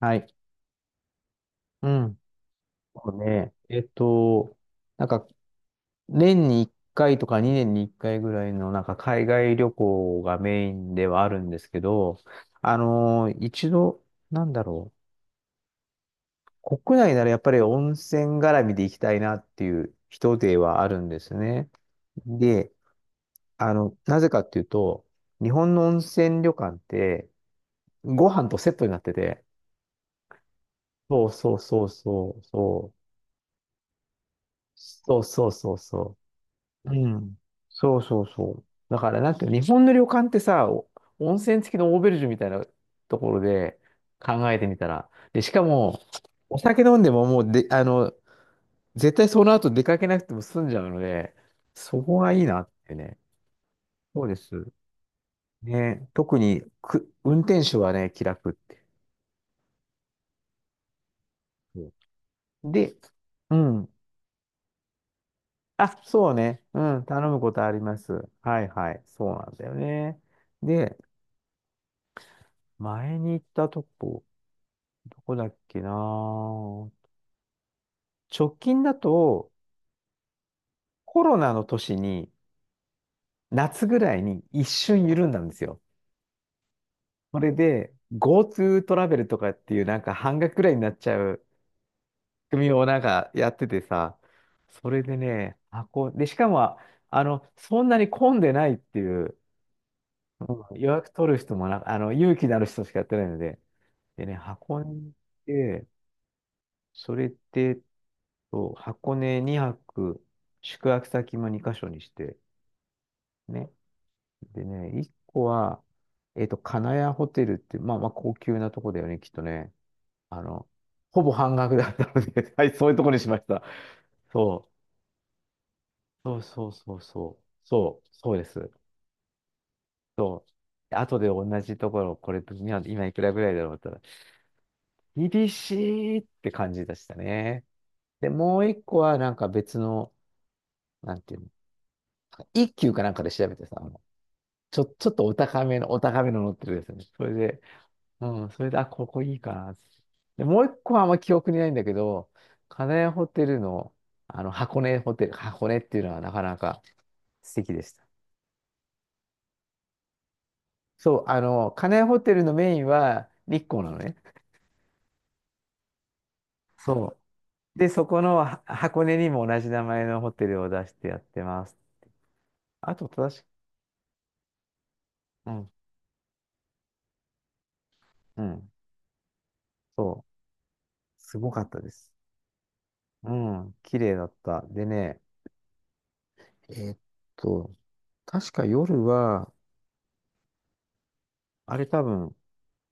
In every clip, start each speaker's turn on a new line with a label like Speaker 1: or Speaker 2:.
Speaker 1: はい。うん。そうね。なんか、年に1回とか2年に1回ぐらいの、なんか、海外旅行がメインではあるんですけど、一度、なんだろう。国内ならやっぱり温泉絡みで行きたいなっていう人ではあるんですね。で、なぜかっていうと、日本の温泉旅館って、ご飯とセットになってて、そうそうそうそう、そう、そうそうそうそう。うん。そうそうそう。だから、なんていうの、日本の旅館ってさ、お温泉付きのオーベルジュみたいなところで考えてみたら。で、しかも、お酒飲んでももうで、絶対その後出かけなくても済んじゃうので、そこがいいなってね。そうです。ね、特にく、運転手はね、気楽って。そうで、うん。あ、そうね。うん、頼むことあります。はいはい。そうなんだよね。で、前に行ったとこ、どこだっけな、直近だと、コロナの年に、夏ぐらいに一瞬緩んだんですよ。それで、GoTo トラベルとかっていう、なんか半額ぐらいになっちゃう仕組みをなんかやっててさ、それでね、あ、こう、で、しかも、そんなに混んでないっていう、うん、予約取る人もな、勇気のある人しかやってないので、でね、箱根に行って、それで、そう箱根2泊、宿泊先も2カ所にして、ね。でね、一個は、金谷ホテルって、まあまあ高級なとこだよね、きっとね。あの、ほぼ半額だったので、 はい、そういうとこにしました。そう、そうそうそうそう、そう、そうです。そう。後で同じところ、これ、今いくらぐらいだろうって言ったら、厳しいって感じでしたね。で、もう一個は、なんか別の、なんていうの、一級かなんかで調べてさ、ちょっとお高めの乗ってるですね。それで、うん、それで、あ、ここいいかな。で、もう一個はあんま記憶にないんだけど、金谷ホテルの、あの、箱根ホテル、箱根っていうのはなかなか素敵でした。そう、金谷ホテルのメインは日光なのね。そう。で、そこのは箱根にも同じ名前のホテルを出してやってます。あと、正しく、うん、うん、そう、すごかったです。うん、綺麗だった。でね、えーっと、確か夜は、あれ多分、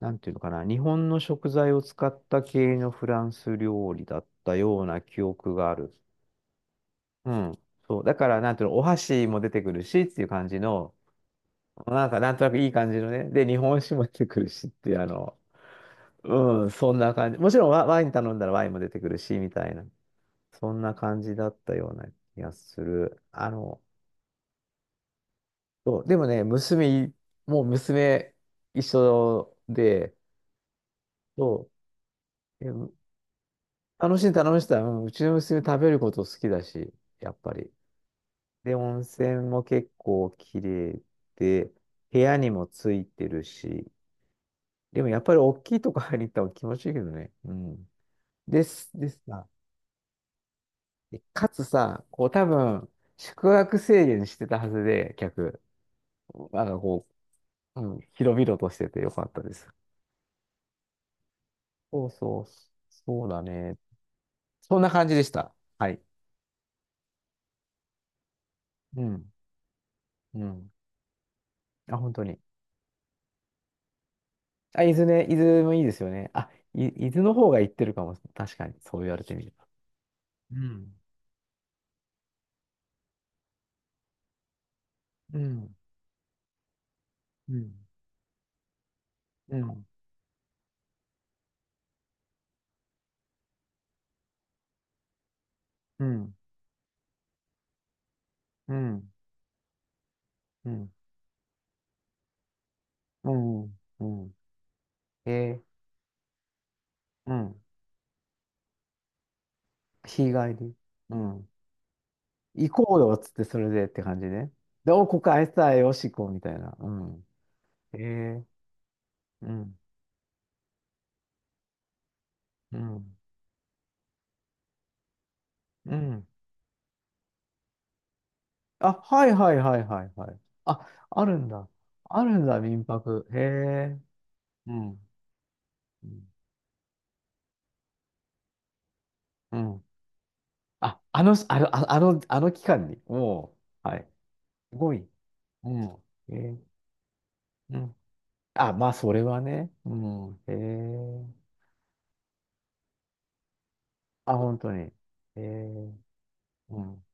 Speaker 1: なんていうのかな、日本の食材を使った系のフランス料理だったような記憶がある。うん。そう。だから、なんていうの、お箸も出てくるしっていう感じの、なんか、なんとなくいい感じのね。で、日本酒も出てくるしっていう、うん、そんな感じ。もちろんワイン頼んだらワインも出てくるし、みたいな。そんな感じだったような気がする。そう。でもね、もう娘一緒で、そう。で楽しんで楽しんでた。うん、うちの娘食べること好きだし、やっぱり。で、温泉も結構綺麗で、部屋にもついてるし、でもやっぱり大きいとこ入りに行った方が気持ちいいけどね。うん。ですな。でかつさ、こう多分、宿泊制限してたはずで、客。なんかこう、うん、広々としててよかったです。そうそう、そうだね。そんな感じでした。はい。うん、うん。あ、本当に。あ、伊豆ね、伊豆もいいですよね。あ、伊豆の方が行ってるかも。確かに、そう言われてみれば。うん、うん、うん、うん、うん、うん、うん、うん、うん、えーうん、日帰り。うん。行こうよっつって、それでって感じね。で、お、ここ愛さえよしこうみたいな。うん。えー、うん、うん、うん。あ、はいはいはいはいはい。あ、あるんだ。あるんだ、民泊。へえ。うん、うん、あ、あの期間に、もう、はい。すごい。うん。えーうん。あ、まあ、それはね。うん。あ、本当に。えー、うん。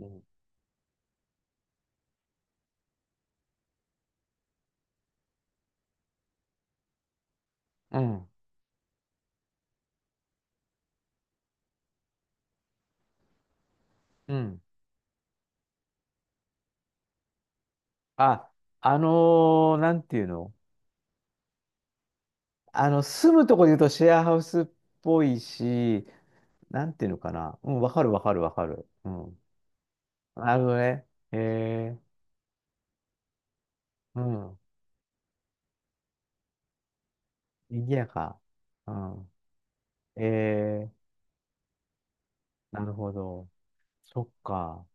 Speaker 1: うん。うん。うん、あ、あのなんていうの、住むとこで言うとシェアハウスっぽいし、なんていうのかな。うん、わかるわかるわかる。うん。なるほどね。えうん。賑やか。うん。えー、なるほど。そっか。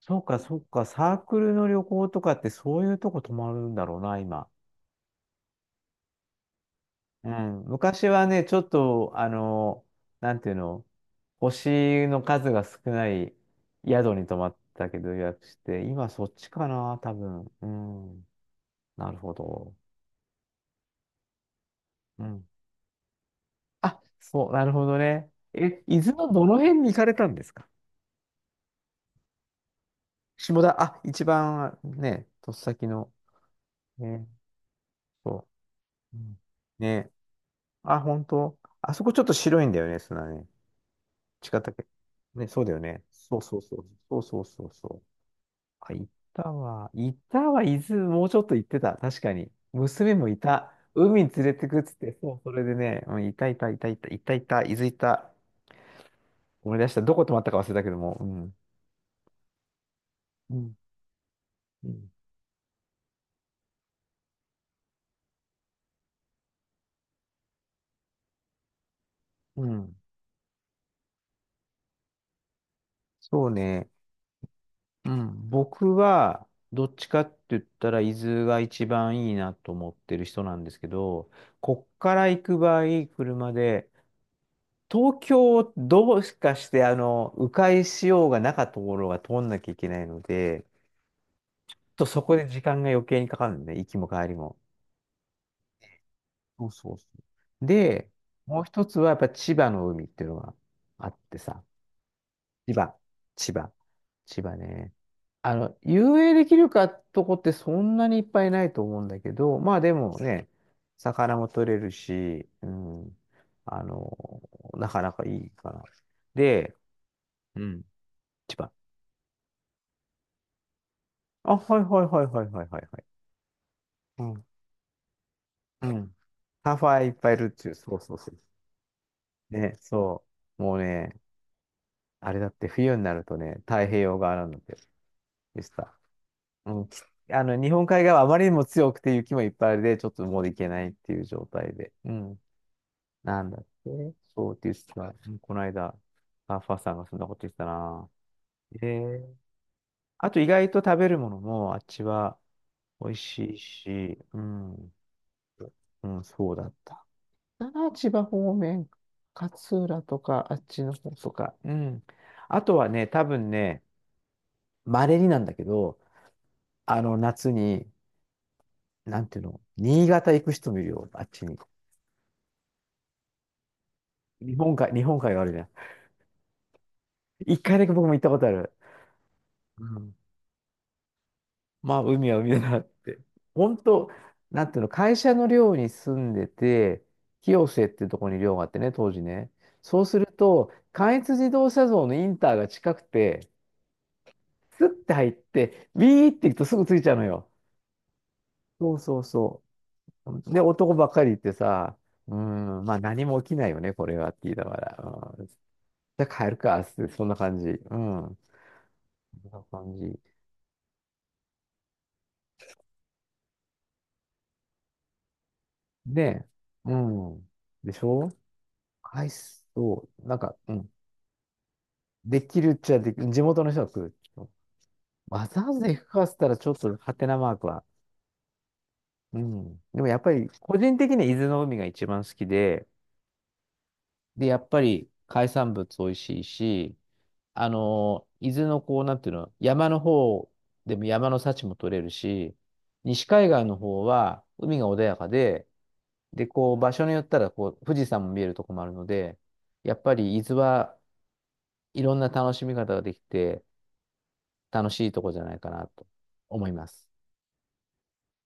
Speaker 1: そうか、そうか、サークルの旅行とかってそういうとこ泊まるんだろうな、今。うん。昔はね、ちょっと、なんていうの、星の数が少ない宿に泊まったけど予約して、今そっちかな、多分。うん。なるほど。うん。あ、そう、なるほどね。え、伊豆のどの辺に行かれたんですか？下田、あ、一番ね、とっさきの。ね、そう。うんね。あ、本当。あそこちょっと白いんだよね、砂ね。違ったっけね、そうだよね。そうそうそう。そうそうそうそう。あ、いたわ。いたわ。伊豆、もうちょっと行ってた。確かに。娘もいた。海に連れてくっつって、そう、それでね、うん、いたいたいたいたいたいた、伊豆いた。思い出した。どこ泊まったか忘れたけども。うん。うん。うん。うん、そうね。うん。僕は、どっちかって言ったら、伊豆が一番いいなと思ってる人なんですけど、こっから行く場合、車で、東京をどうしかして、迂回しようがなかったところが通んなきゃいけないので、ちょっとそこで時間が余計にかかるんで、ね、行きも帰りも。そうそうそう。で、もう一つはやっぱ千葉の海っていうのがあってさ、千葉、千葉、千葉ね。遊泳できるかとこってそんなにいっぱいないと思うんだけど、まあでもね、魚も取れるし、うん、あの、なかなかいいかな。で、うん。千葉、あ、はいはいはいはいはいはいはい。うん。うん。サーファーいっぱいいるっちゅう。そうそうそう。ね、そう。もうね、あれだって冬になるとね、太平洋側なんだって。でした。うん。きあの、日本海側はあまりにも強くて雪もいっぱいあるで、ちょっともう行けないっていう状態で。うん。なんだって。そうって言ってた。うん、この間、サーファーさんがそんなこと言ってたな。えー、あと意外と食べるものもあっちは美味しいし、うん、うん、そうだった。あ、千葉方面、勝浦とか、あっちの方とか。うん。あとはね、多分ね、稀になんだけど、夏に、なんていうの、新潟行く人もいるよ、あっちに。日本海、日本海があるじゃん。一回だけ僕も行ったことある。うん。まあ、海は海だなって。本当、なんていうの、会社の寮に住んでて、清瀬っていうところに寮があってね、当時ね。そうすると、関越自動車道のインターが近くて、スッて入って、ビーって行くとすぐついちゃうのよ。そうそうそう。で、男ばっかりってさ、うーん、まあ何も起きないよね、これはって言いながら。うん、じゃあ帰るか、っつって、そんな感じ。うん。そんな感じ。で、うん。でしょ、アイスを、なんか、うん。できるっちゃできる。地元の人が来る。わざわざ行くかっつったらちょっとハテナマークは。うん。でもやっぱり個人的には伊豆の海が一番好きで、で、やっぱり海産物美味しいし、伊豆のこう、なんていうの、山の方でも山の幸も取れるし、西海岸の方は海が穏やかで、で、こう、場所によったら、こう、富士山も見えるとこもあるので、やっぱり伊豆はいろんな楽しみ方ができて、楽しいとこじゃないかなと思います。